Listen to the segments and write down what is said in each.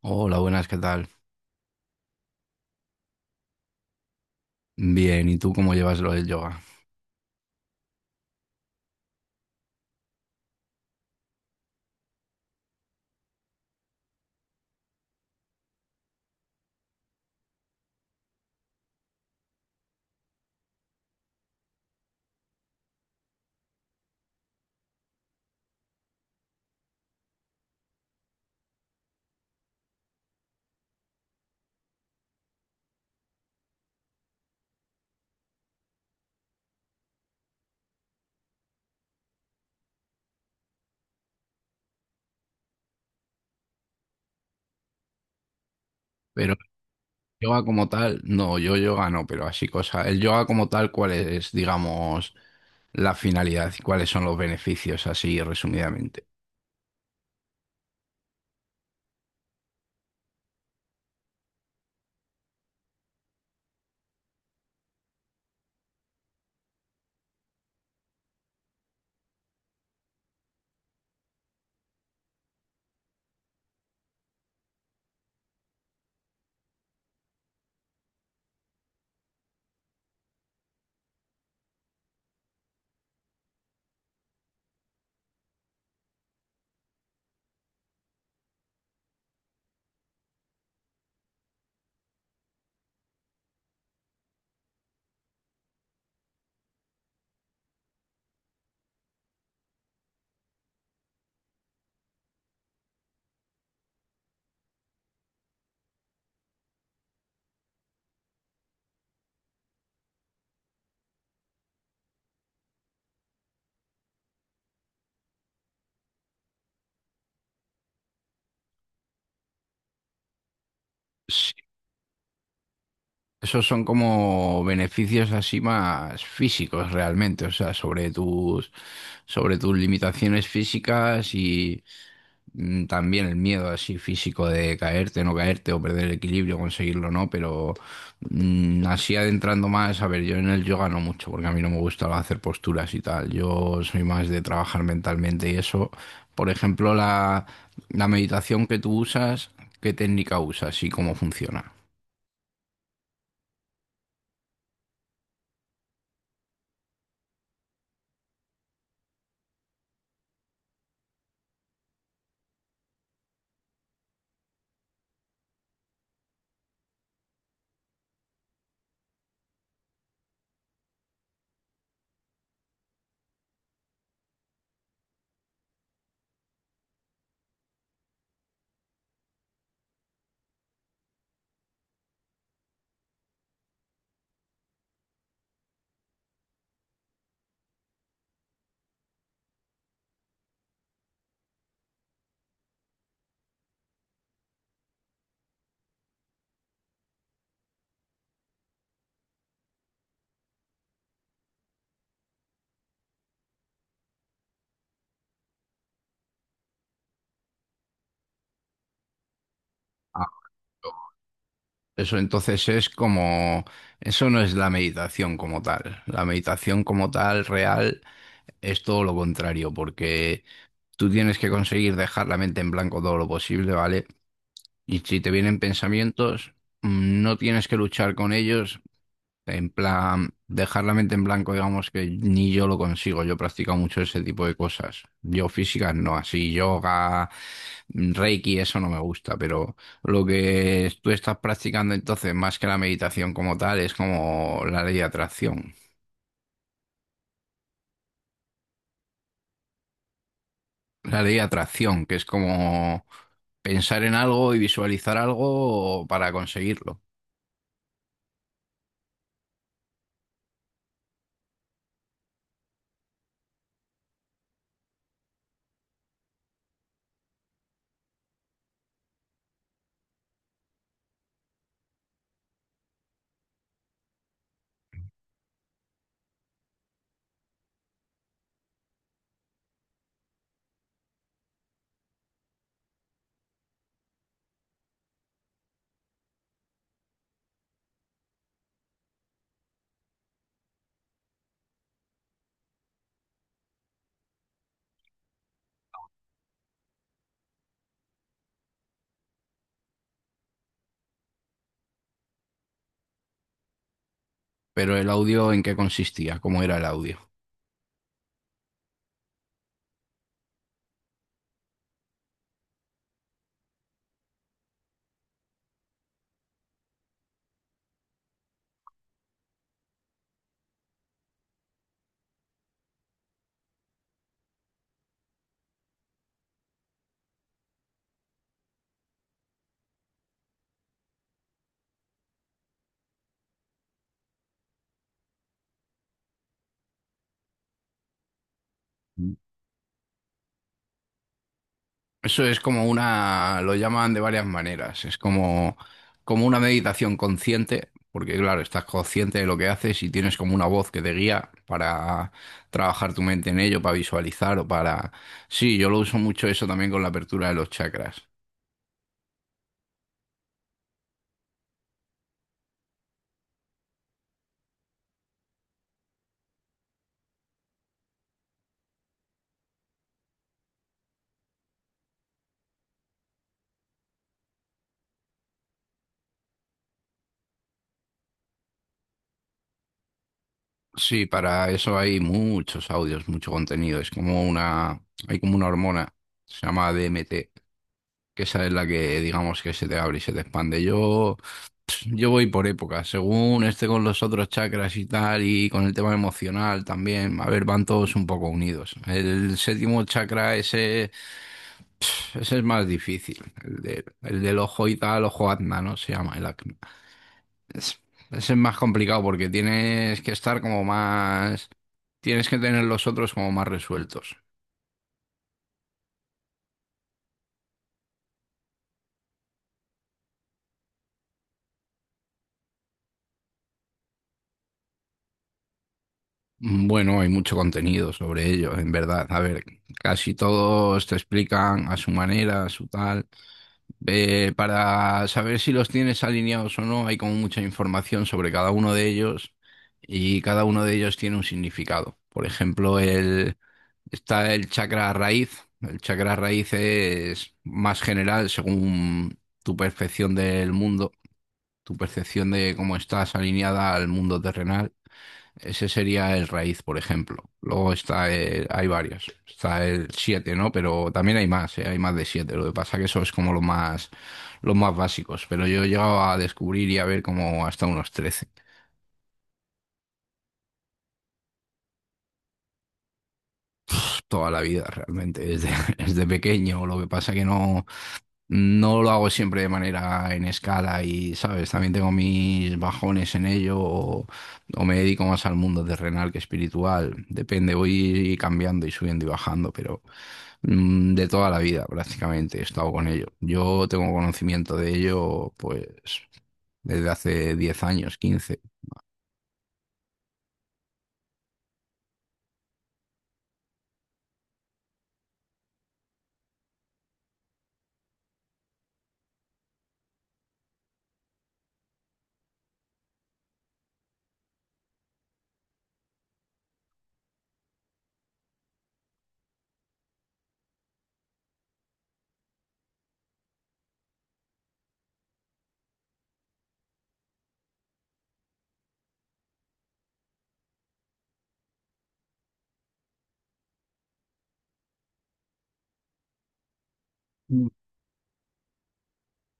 Hola, buenas, ¿qué tal? Bien, ¿y tú cómo llevas lo del yoga? Pero el yoga como tal, no, yo yoga no, pero así cosa. El yoga como tal, ¿cuál es, digamos, la finalidad y cuáles son los beneficios, así resumidamente? Esos son como beneficios así más físicos realmente, o sea, sobre tus limitaciones físicas y también el miedo así físico de caerte, no caerte o perder el equilibrio, conseguirlo, ¿no? Pero así adentrando más, a ver, yo en el yoga no mucho, porque a mí no me gusta hacer posturas y tal, yo soy más de trabajar mentalmente y eso, por ejemplo, la meditación que tú usas, ¿qué técnica usas y cómo funciona? Eso entonces es como, eso no es la meditación como tal. La meditación como tal real es todo lo contrario, porque tú tienes que conseguir dejar la mente en blanco todo lo posible, ¿vale? Y si te vienen pensamientos, no tienes que luchar con ellos, en plan, dejar la mente en blanco, digamos que ni yo lo consigo. Yo he practicado mucho ese tipo de cosas. Yo físicas no, así yoga, reiki, eso no me gusta, pero lo que tú estás practicando entonces, más que la meditación como tal, es como la ley de atracción. La ley de atracción, que es como pensar en algo y visualizar algo para conseguirlo. Pero el audio, ¿en qué consistía? ¿Cómo era el audio? Eso es como una, lo llaman de varias maneras, es como, como una meditación consciente, porque claro, estás consciente de lo que haces y tienes como una voz que te guía para trabajar tu mente en ello, para visualizar o para... Sí, yo lo uso mucho eso también con la apertura de los chakras. Sí, para eso hay muchos audios, mucho contenido, es como una, hay como una hormona, se llama DMT, que esa es la que digamos que se te abre y se te expande. Yo voy por épocas, según esté con los otros chakras y tal, y con el tema emocional también. A ver, van todos un poco unidos. El séptimo chakra, ese es más difícil. El del ojo y tal, ojo Azna, ¿no? Se llama el acné. Es- ese es más complicado porque tienes que estar como más. Tienes que tener los otros como más resueltos. Bueno, hay mucho contenido sobre ello, en verdad. A ver, casi todos te explican a su manera, a su tal. Para saber si los tienes alineados o no, hay como mucha información sobre cada uno de ellos y cada uno de ellos tiene un significado. Por ejemplo, está el chakra raíz. El chakra raíz es más general según tu percepción del mundo, tu percepción de cómo estás alineada al mundo terrenal. Ese sería el raíz, por ejemplo. Luego hay varios. Está el siete, ¿no? Pero también hay más, ¿eh? Hay más de siete. Lo que pasa que eso es como lo más, los más básicos. Pero yo he llegado a descubrir y a ver como hasta unos 13. Toda la vida, realmente, desde, desde pequeño. Lo que pasa que no. No lo hago siempre de manera en escala y, ¿sabes? También tengo mis bajones en ello o me dedico más al mundo terrenal que espiritual. Depende, voy cambiando y subiendo y bajando, pero de toda la vida prácticamente he estado con ello. Yo tengo conocimiento de ello pues desde hace 10 años, 15.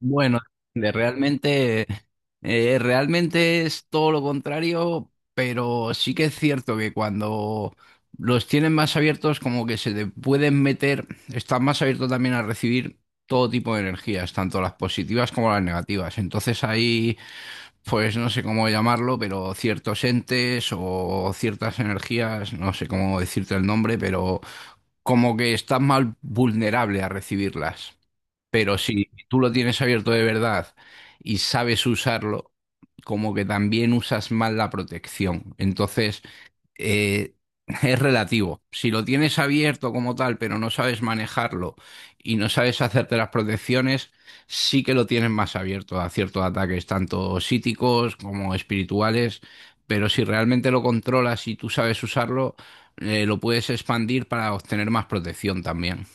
Bueno, de realmente, realmente es todo lo contrario, pero sí que es cierto que cuando los tienen más abiertos, como que se te pueden meter, están más abiertos también a recibir todo tipo de energías, tanto las positivas como las negativas. Entonces ahí, pues no sé cómo llamarlo, pero ciertos entes o ciertas energías, no sé cómo decirte el nombre, pero como que estás más vulnerable a recibirlas. Pero si tú lo tienes abierto de verdad y sabes usarlo, como que también usas mal la protección. Entonces, eh, es relativo. Si lo tienes abierto como tal, pero no sabes manejarlo y no sabes hacerte las protecciones, sí que lo tienes más abierto a ciertos ataques, tanto psíquicos como espirituales. Pero si realmente lo controlas y tú sabes usarlo, lo puedes expandir para obtener más protección también.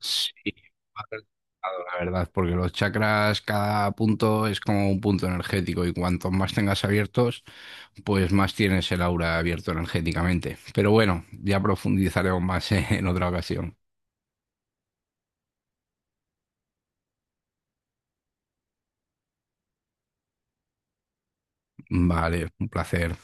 Sí, más relacionado, la verdad, porque los chakras, cada punto es como un punto energético y cuantos más tengas abiertos, pues más tienes el aura abierto energéticamente. Pero bueno, ya profundizaremos más en otra ocasión. Vale, un placer.